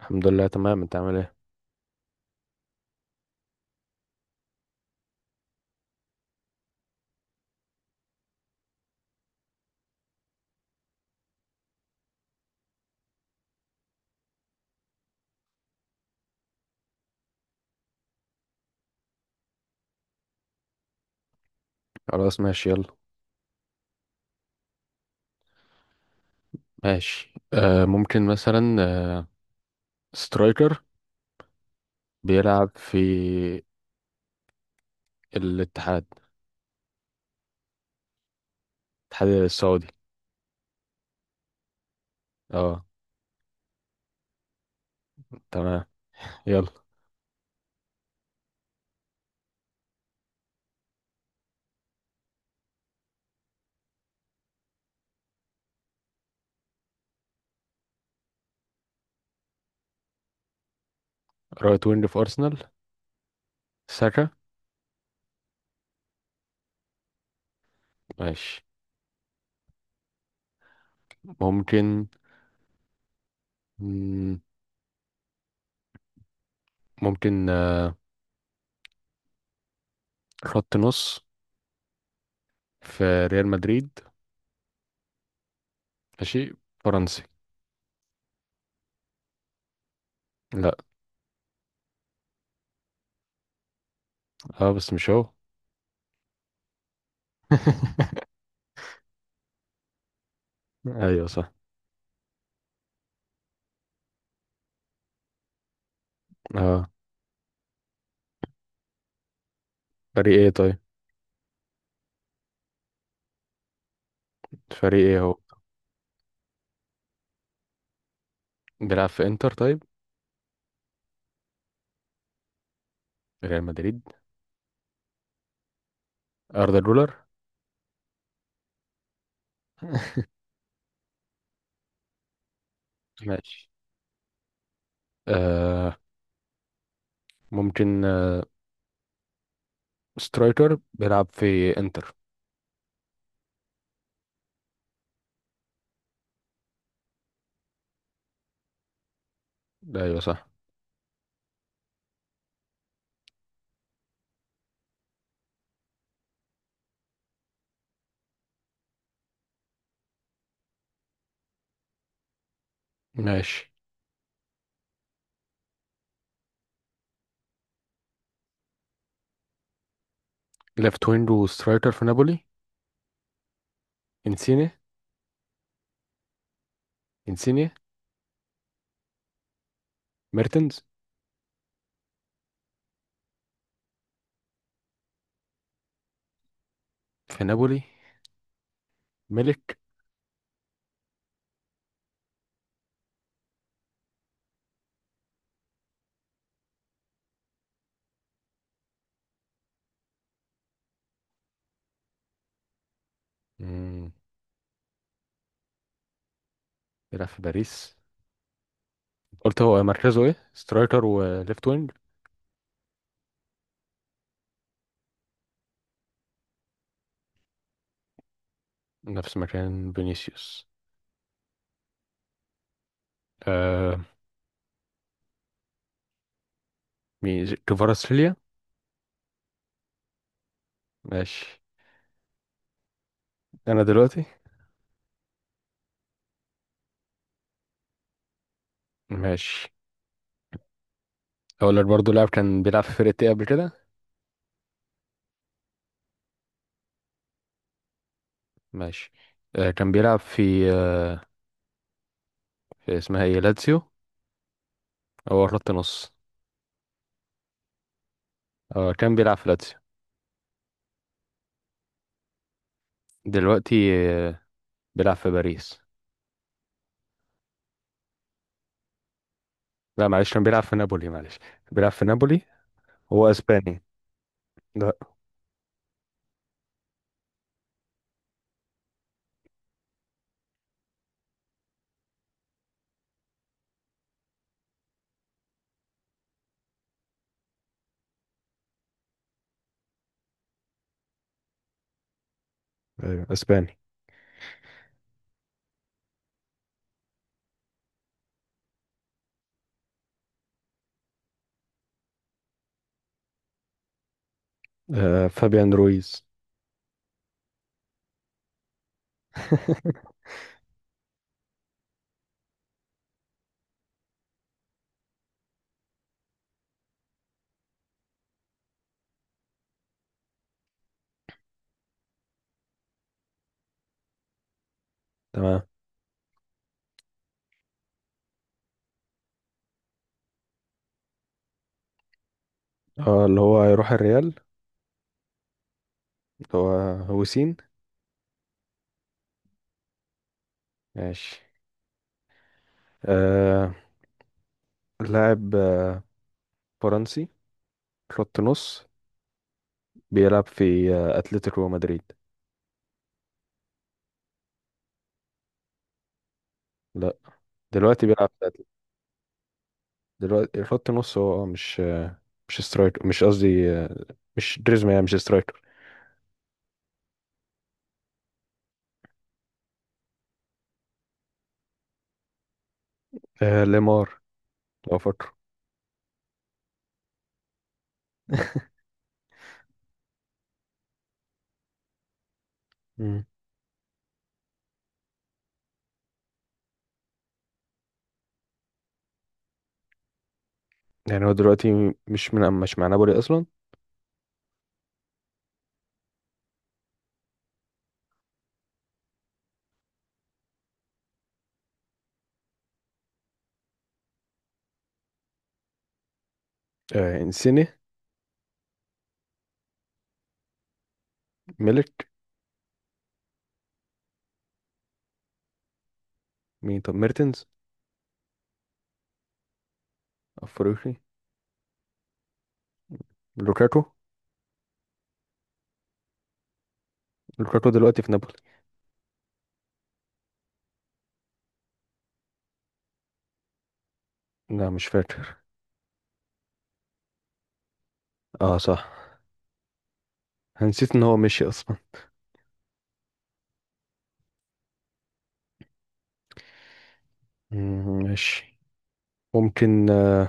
الحمد لله تمام، انت عامل ايه؟ خلاص ماشي، يلا. ماشي ممكن مثلا آه سترايكر بيلعب في الاتحاد، الاتحاد السعودي. اه تمام، يلا. رايت وينج في ارسنال، ساكا. ماشي ممكن، مم، ممكن خط نص في ريال مدريد، ماشي، فرنسي. لا. اه بس مش هو. ايوه صح. اه فريق ايه طيب؟ فريق ايه هو؟ بيلعب في انتر طيب؟ ريال مدريد، اردا جولر. ماشي، آه ممكن سترايكر بيلعب في انتر. ايوه صح. ماشي، ليفت وينج وسترايكر في نابولي. انسيني. انسيني. ميرتنز. في نابولي. ملك. مم. بيلعب في باريس. قلت هو مركزه ايه، سترايكر وليفت وينج؟ نفس مكان فينيسيوس. آه، مين، كفاراتسخيليا؟ ماشي، انا دلوقتي. ماشي، اقول لك برضه لاعب كان بيلعب في فرقتي قبل كده. ماشي، كان بيلعب في آه، اسمها ايه، لاتسيو، هو خط نص. هو كان بيلعب في لاتسيو. دلوقتي آه، بيلعب في باريس. لا معلش، كان بيلعب في نابولي، معلش. بيلعب في نابولي. هو اسباني. لا. ايوه، اسباني. آه، فابيان رويز. تمام. اه اللي هو هيروح الريال. اللي هو هوسين. ماشي، آه لاعب فرنسي، خط نص، بيلعب في اتلتيكو مدريد. لا. دلوقتي بيلعب بدل. دلوقتي خط نص هو، مش مش سترايكر، مش قصدي مش دريزما، يعني مش سترايكر. آه ليمار، لو فاكره. مم. يعني هو دلوقتي مش مع نابولي اصلا. آه انسيني. ميلك. مين طب، ميرتنز؟ افريقي. لوكاكو. لوكاكو دلوقتي في نابولي. لا مش فاكر. اه صح، أنا نسيت ان هو مشي اصلا. ماشي، ممكن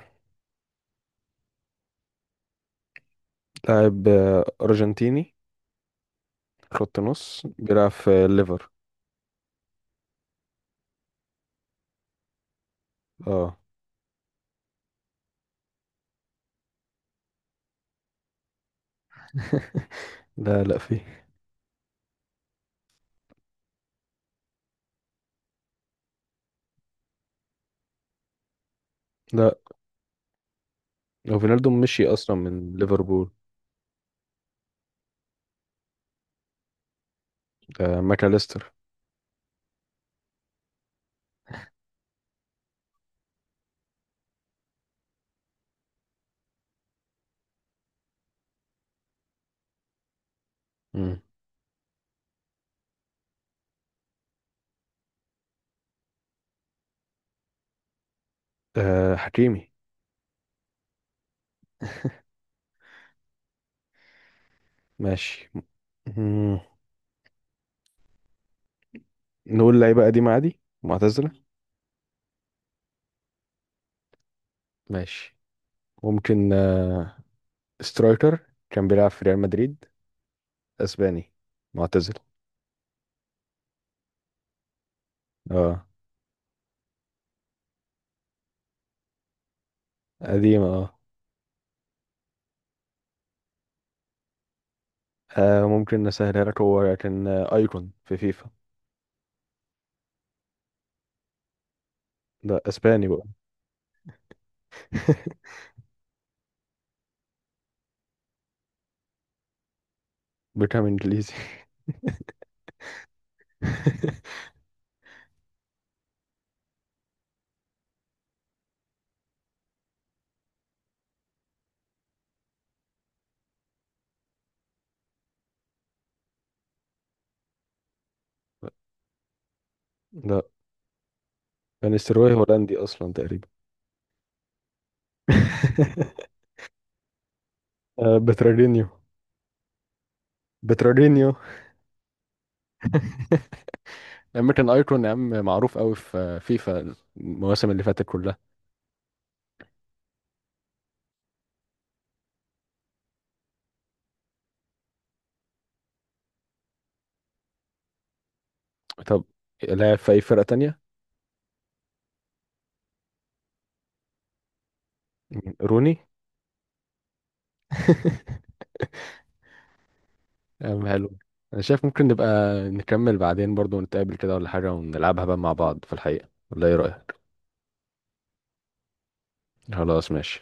لاعب ارجنتيني، خط نص، بيلعب في ليفر. اه. لا لا، في. لا، لو فينالدو مشي اصلا من ليفربول. آه، ماكاليستر. مم. آه حكيمي. ماشي. مم. نقول لعيبه قديمه عادي، معتزله. ماشي، ممكن سترايكر كان بيلعب في ريال مدريد، اسباني، معتزل. اه، قديم اه. ممكن نسهلها لك، هو كان ايكون في فيفا. ده اسباني بقى. بيكام انجليزي. لا، فانيستروي هولندي اصلا تقريبا. آه، بترارينيو. بترارينيو، امريكان ايكون. يا عم معروف قوي في فيفا المواسم اللي فاتت كلها. طب لاعب في اي فرقة تانية؟ مين؟ روني. أم حلو. انا شايف ممكن نبقى نكمل بعدين برضو، نتقابل كده ولا حاجة ونلعبها بقى مع بعض في الحقيقة، ولا ايه رأيك؟ خلاص ماشي.